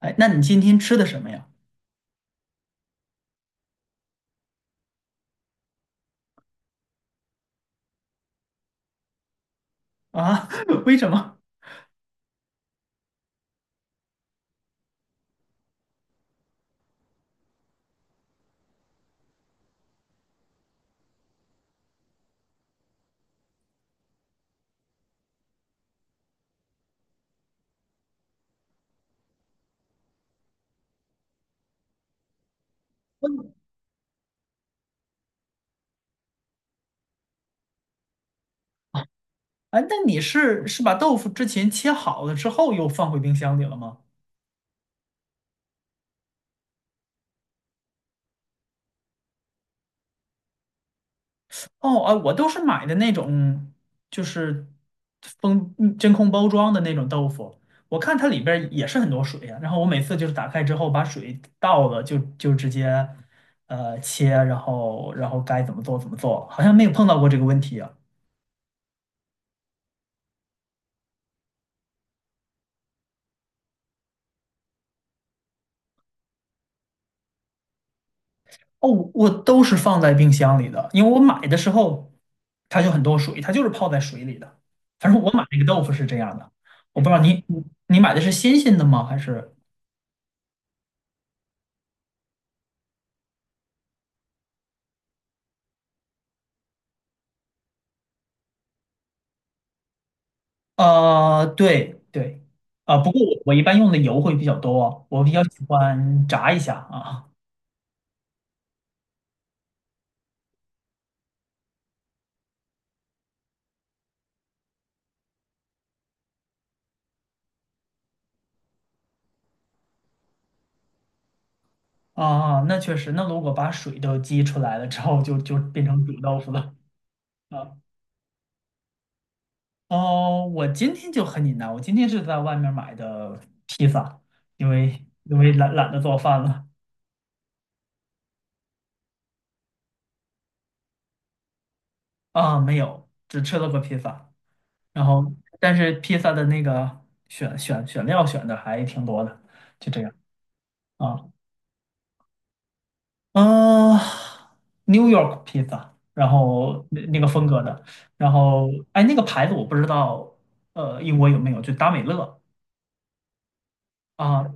哎，那你今天吃的什么呀？啊，为什么？哎，那你是把豆腐之前切好了之后又放回冰箱里了吗？哦，啊，我都是买的那种，就是封真空包装的那种豆腐。我看它里边儿也是很多水呀，然后我每次就是打开之后把水倒了就直接切，然后该怎么做怎么做，好像没有碰到过这个问题啊。哦，我都是放在冰箱里的，因为我买的时候它就很多水，它就是泡在水里的。反正我买那个豆腐是这样的。我不知道你买的是新鲜的吗？还是对对。啊，不过我一般用的油会比较多，我比较喜欢炸一下啊啊，啊！那确实，那如果把水都激出来了之后就，就变成煮豆腐了啊。哦，我今天就很简单，我今天是在外面买的披萨，因为懒得做饭了。啊，没有，只吃了个披萨，然后但是披萨的那个选料选的还挺多的，就这样啊。嗯，New York 披萨，然后那个风格的。然后哎，那个牌子我不知道，英国有没有，就达美乐啊。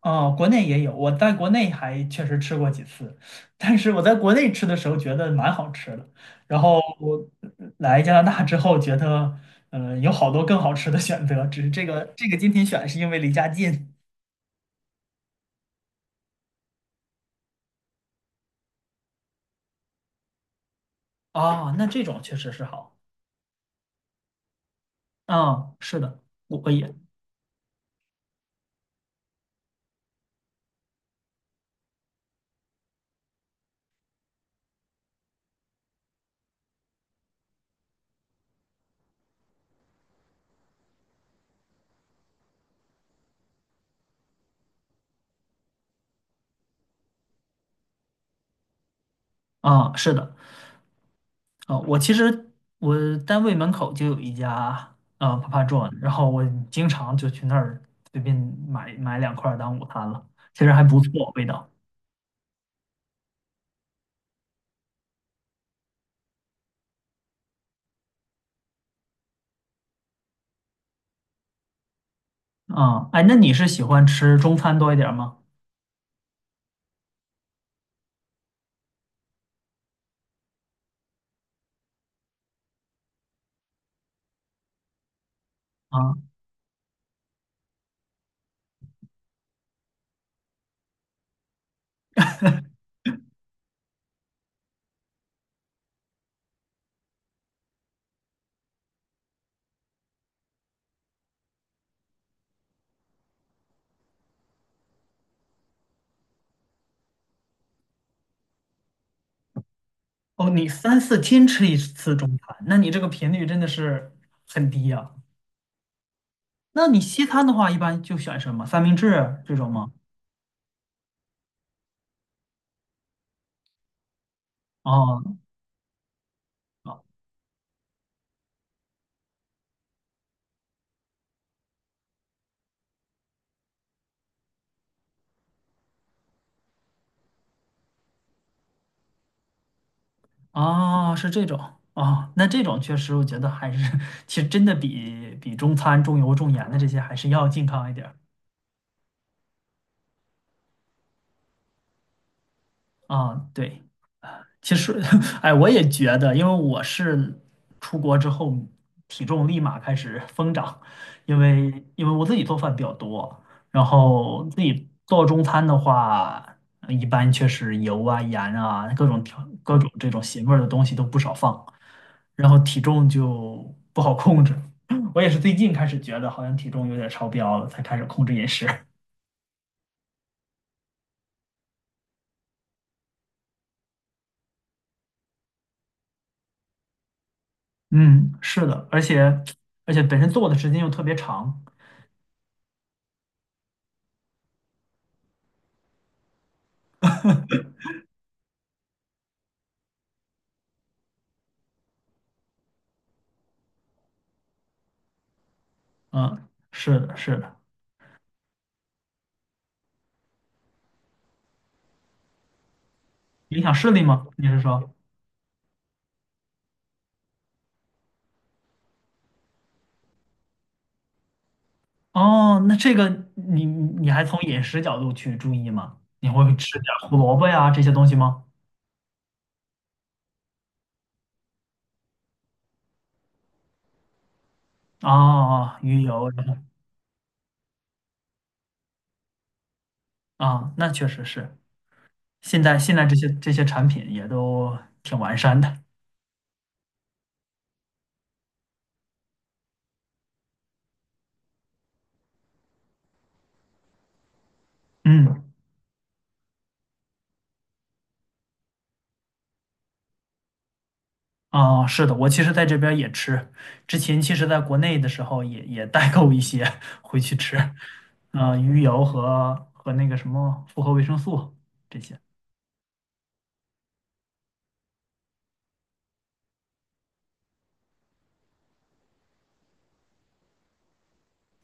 哦，国内也有，我在国内还确实吃过几次，但是我在国内吃的时候觉得蛮好吃的，然后我来加拿大之后觉得，有好多更好吃的选择，只是这个今天选是因为离家近。啊，那这种确实是好。嗯，是的，我也啊，是的，啊，我其实我单位门口就有一家啊 Papa John，然后我经常就去那儿随便买买两块儿当午餐了，其实还不错，味道。啊，哎，那你是喜欢吃中餐多一点儿吗？啊，哦，你三四天吃一次中餐，那你这个频率真的是很低呀。那你西餐的话，一般就选什么三明治这种吗？哦，哦，哦是这种哦，那这种确实，我觉得还是 其实真的比中餐重油重盐的这些还是要健康一点儿啊。对，其实，哎，我也觉得，因为我是出国之后体重立马开始疯长，因为我自己做饭比较多，然后自己做中餐的话，一般确实油啊、盐啊、各种调、各种这种咸味儿的东西都不少放，然后体重就不好控制。我也是最近开始觉得好像体重有点超标了，才开始控制饮食。嗯，是的，而且本身做的时间又特别长。嗯，是的，是的。影响视力吗？你是说？哦，那这个你还从饮食角度去注意吗？你会吃点胡萝卜呀这些东西吗？啊，鱼油，然后啊，那确实是。现在这些产品也都挺完善的。嗯，啊，是的，我其实在这边也吃，之前其实在国内的时候也代购一些 回去吃，鱼油和那个什么复合维生素这些。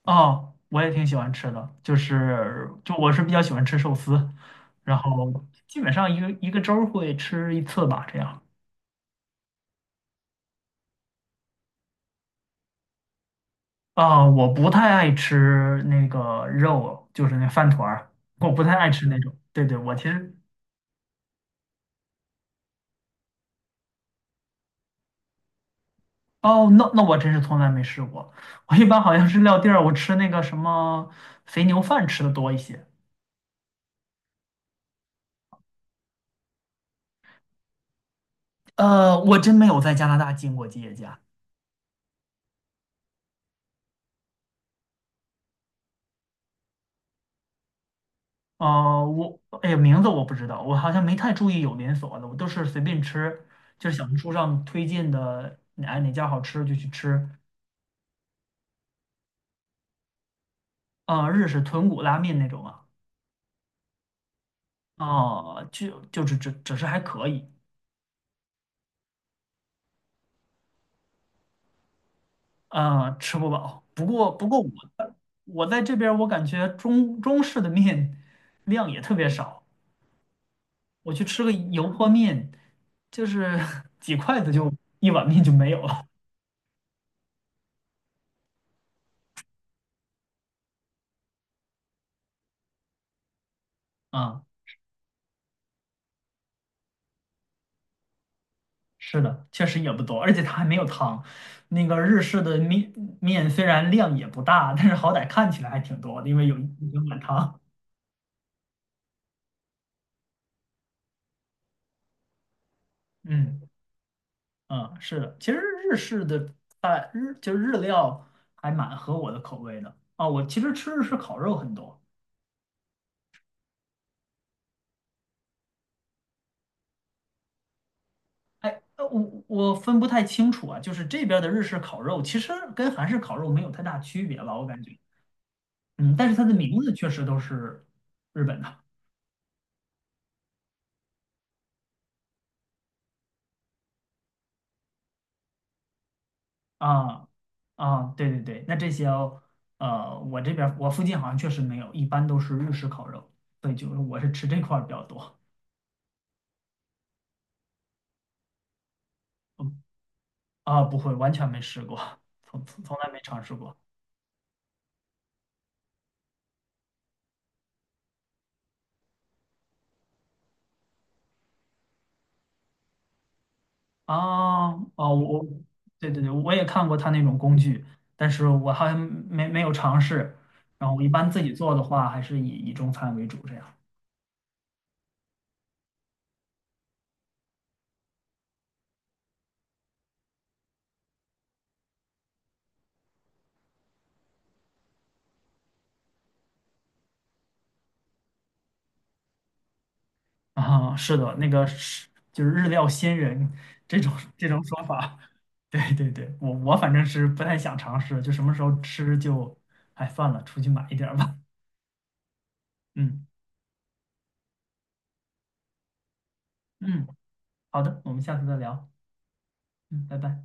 哦，我也挺喜欢吃的，就是就我是比较喜欢吃寿司，然后基本上一个一个周儿会吃一次吧，这样。啊，我不太爱吃那个肉，就是那饭团儿，我不太爱吃那种。对对，我其实哦，那我真是从来没试过。我一般好像是撂地儿，我吃那个什么肥牛饭吃的多一些。我真没有在加拿大进过吉野家。我哎呀，名字我不知道，我好像没太注意有连锁的，我都是随便吃，就是小红书上推荐的，哎哪家好吃就去吃。啊，日式豚骨拉面那种啊，啊，就只是还可以。吃不饱。不过我在这边儿我感觉中式的面量也特别少，我去吃个油泼面，就是 几筷子就一碗面就没有了啊。是的，确实也不多，而且它还没有汤。那个日式的面虽然量也不大，但是好歹看起来还挺多的，因为有碗汤。嗯嗯，是的，其实日式的菜就日料还蛮合我的口味的啊。我其实吃日式烤肉很多，哎，我分不太清楚啊，就是这边的日式烤肉其实跟韩式烤肉没有太大区别吧，我感觉。嗯，但是它的名字确实都是日本的。啊啊，对对对，那这些哦，我这边儿我附近好像确实没有，一般都是日式烤肉，对，就是我是吃这块儿比较多。嗯啊，不会，完全没试过，从来没尝试过。啊哦，对对对，我也看过他那种工具，但是我好像没有尝试。然后我一般自己做的话，还是以中餐为主这样。啊，是的，那个是就是日料仙人这种说法，对对对，我反正是不太想尝试，就什么时候吃就，哎，算了，出去买一点儿吧。嗯嗯，好的，我们下次再聊。嗯，拜拜。